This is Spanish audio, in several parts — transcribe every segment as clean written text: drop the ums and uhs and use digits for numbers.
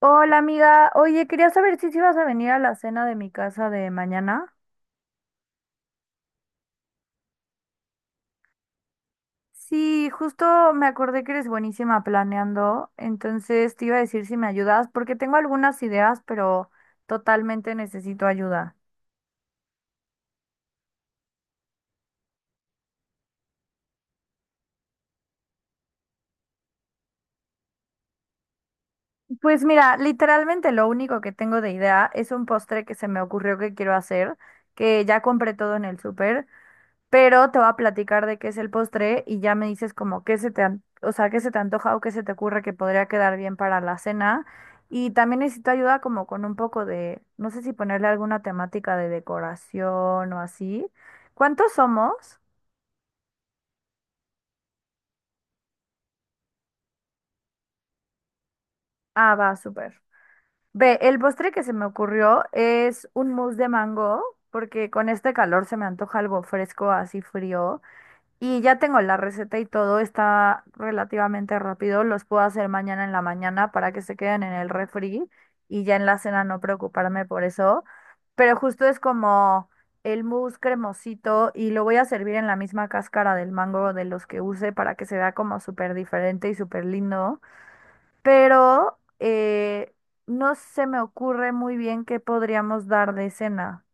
Hola amiga, oye, quería saber si sí ibas a venir a la cena de mi casa de mañana. Sí, justo me acordé que eres buenísima planeando, entonces te iba a decir si me ayudas, porque tengo algunas ideas, pero totalmente necesito ayuda. Pues mira, literalmente lo único que tengo de idea es un postre que se me ocurrió que quiero hacer, que ya compré todo en el súper, pero te voy a platicar de qué es el postre y ya me dices como qué se te, o sea, qué se te antoja o qué se te ocurre que podría quedar bien para la cena. Y también necesito ayuda como con un poco de, no sé si ponerle alguna temática de decoración o así. ¿Cuántos somos? Ah, va, súper. Ve, el postre que se me ocurrió es un mousse de mango, porque con este calor se me antoja algo fresco, así frío. Y ya tengo la receta y todo, está relativamente rápido. Los puedo hacer mañana en la mañana para que se queden en el refri y ya en la cena no preocuparme por eso. Pero justo es como el mousse cremosito y lo voy a servir en la misma cáscara del mango de los que use para que se vea como súper diferente y súper lindo. Pero no se me ocurre muy bien qué podríamos dar de cena.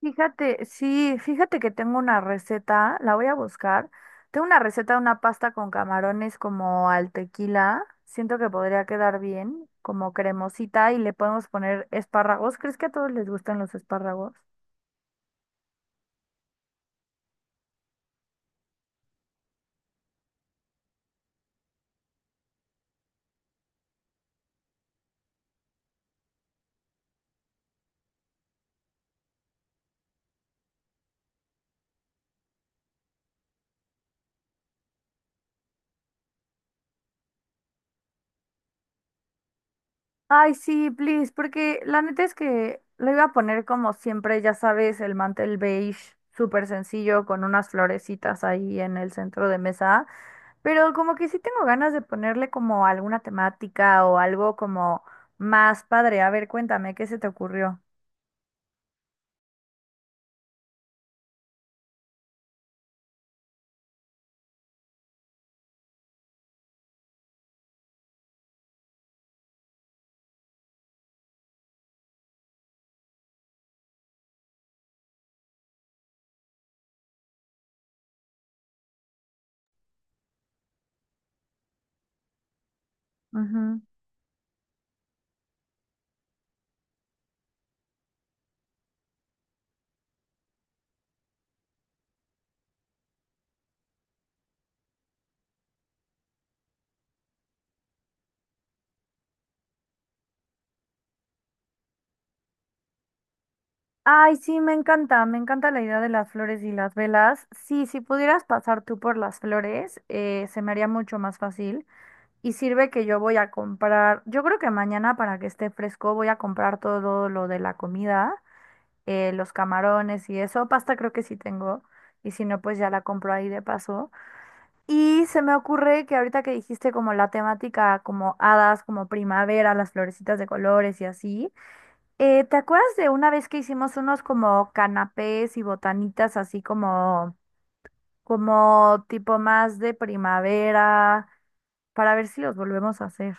Fíjate, sí, fíjate que tengo una receta, la voy a buscar. Tengo una receta de una pasta con camarones como al tequila. Siento que podría quedar bien, como cremosita y le podemos poner espárragos. ¿Crees que a todos les gustan los espárragos? Ay, sí, please, porque la neta es que lo iba a poner como siempre, ya sabes, el mantel beige, súper sencillo, con unas florecitas ahí en el centro de mesa, pero como que sí tengo ganas de ponerle como alguna temática o algo como más padre. A ver, cuéntame, ¿qué se te ocurrió? Ujú. Ay, sí, me encanta la idea de las flores y las velas. Sí, si pudieras pasar tú por las flores, se me haría mucho más fácil. Y sirve que yo voy a comprar, yo creo que mañana para que esté fresco voy a comprar todo lo de la comida, los camarones y eso, pasta creo que sí tengo, y si no, pues ya la compro ahí de paso. Y se me ocurre que ahorita que dijiste como la temática, como hadas, como primavera, las florecitas de colores y así, ¿te acuerdas de una vez que hicimos unos como canapés y botanitas así como, como tipo más de primavera, para ver si los volvemos a hacer?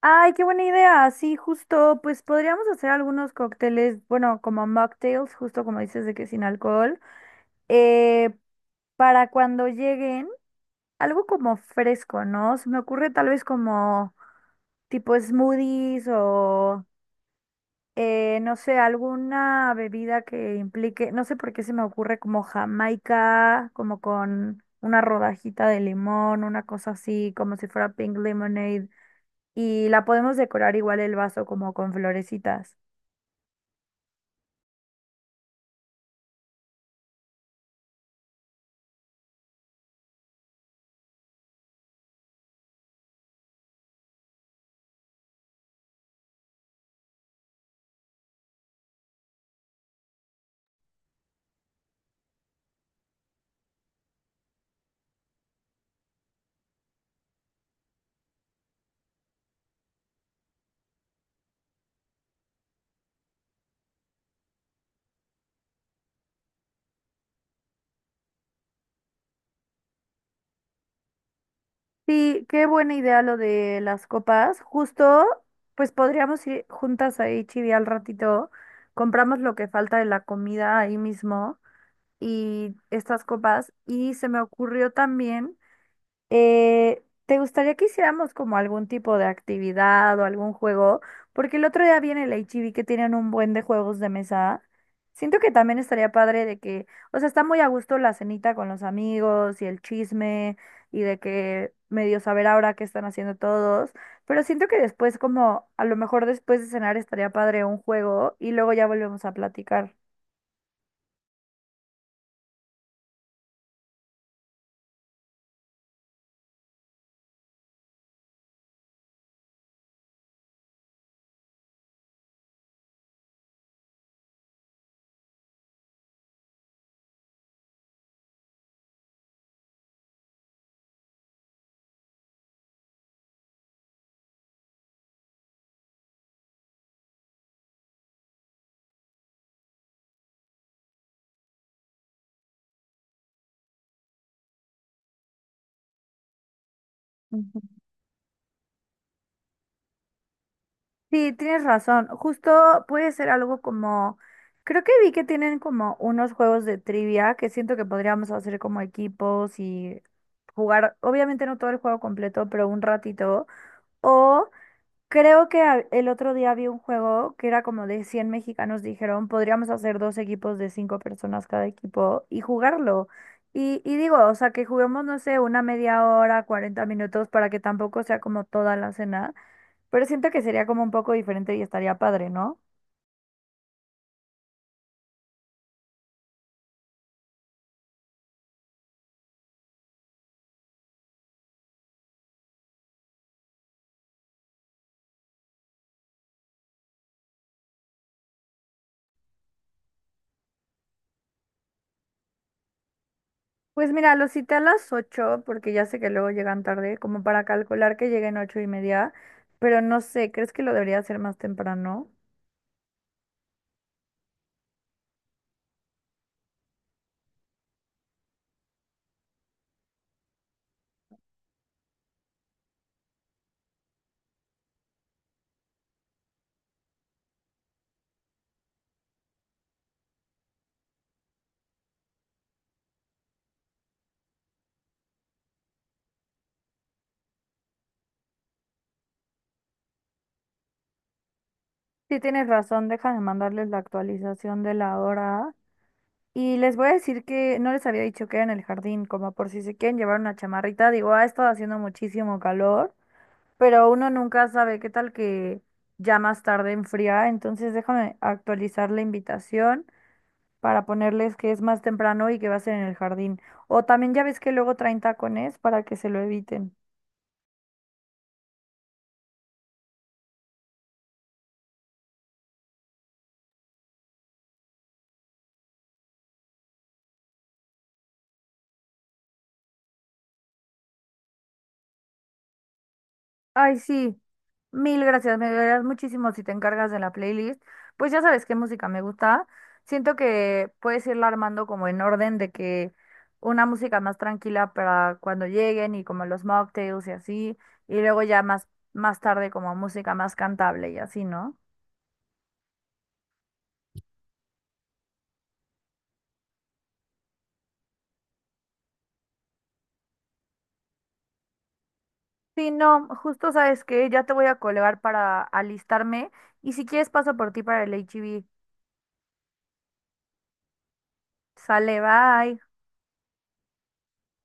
Ay, qué buena idea. Sí, justo, pues podríamos hacer algunos cócteles, bueno, como mocktails, justo como dices de que sin alcohol, eh, para cuando lleguen, algo como fresco, ¿no? Se me ocurre tal vez como tipo smoothies o, no sé, alguna bebida que implique, no sé por qué se me ocurre como Jamaica, como con una rodajita de limón, una cosa así, como si fuera pink lemonade y la podemos decorar igual el vaso como con florecitas. Sí, qué buena idea lo de las copas. Justo, pues podríamos ir juntas ahí h al ratito, compramos lo que falta de la comida ahí mismo y estas copas. Y se me ocurrió también. ¿Te gustaría que hiciéramos como algún tipo de actividad o algún juego? Porque el otro día viene el H-E-B que tienen un buen de juegos de mesa. Siento que también estaría padre de que, o sea, está muy a gusto la cenita con los amigos y el chisme y de que medio saber ahora qué están haciendo todos, pero siento que después como a lo mejor después de cenar estaría padre un juego y luego ya volvemos a platicar. Sí, tienes razón. Justo puede ser algo como, creo que vi que tienen como unos juegos de trivia que siento que podríamos hacer como equipos y jugar, obviamente no todo el juego completo, pero un ratito. O creo que el otro día vi un juego que era como de 100 mexicanos, dijeron, podríamos hacer dos equipos de 5 personas cada equipo y jugarlo. Y digo, o sea, que juguemos, no sé, una media hora, 40 minutos para que tampoco sea como toda la cena. Pero siento que sería como un poco diferente y estaría padre, ¿no? Pues mira, los cité a las 8 porque ya sé que luego llegan tarde, como para calcular que lleguen ocho y media, pero no sé, ¿crees que lo debería hacer más temprano? Sí, tienes razón, déjame mandarles la actualización de la hora. Y les voy a decir que no les había dicho que era en el jardín, como por si se quieren llevar una chamarrita. Digo, ha estado haciendo muchísimo calor, pero uno nunca sabe qué tal que ya más tarde enfría. Entonces déjame actualizar la invitación para ponerles que es más temprano y que va a ser en el jardín. O también ya ves que luego traen tacones para que se lo eviten. Ay, sí, mil gracias, me ayudarás muchísimo si te encargas de la playlist. Pues ya sabes qué música me gusta. Siento que puedes irla armando como en orden de que una música más tranquila para cuando lleguen y como los mocktails y así, y luego ya más, más tarde como música más cantable y así, ¿no? Sí, no, justo sabes que ya te voy a colgar para alistarme y si quieres paso por ti para el HIV. Sale, bye.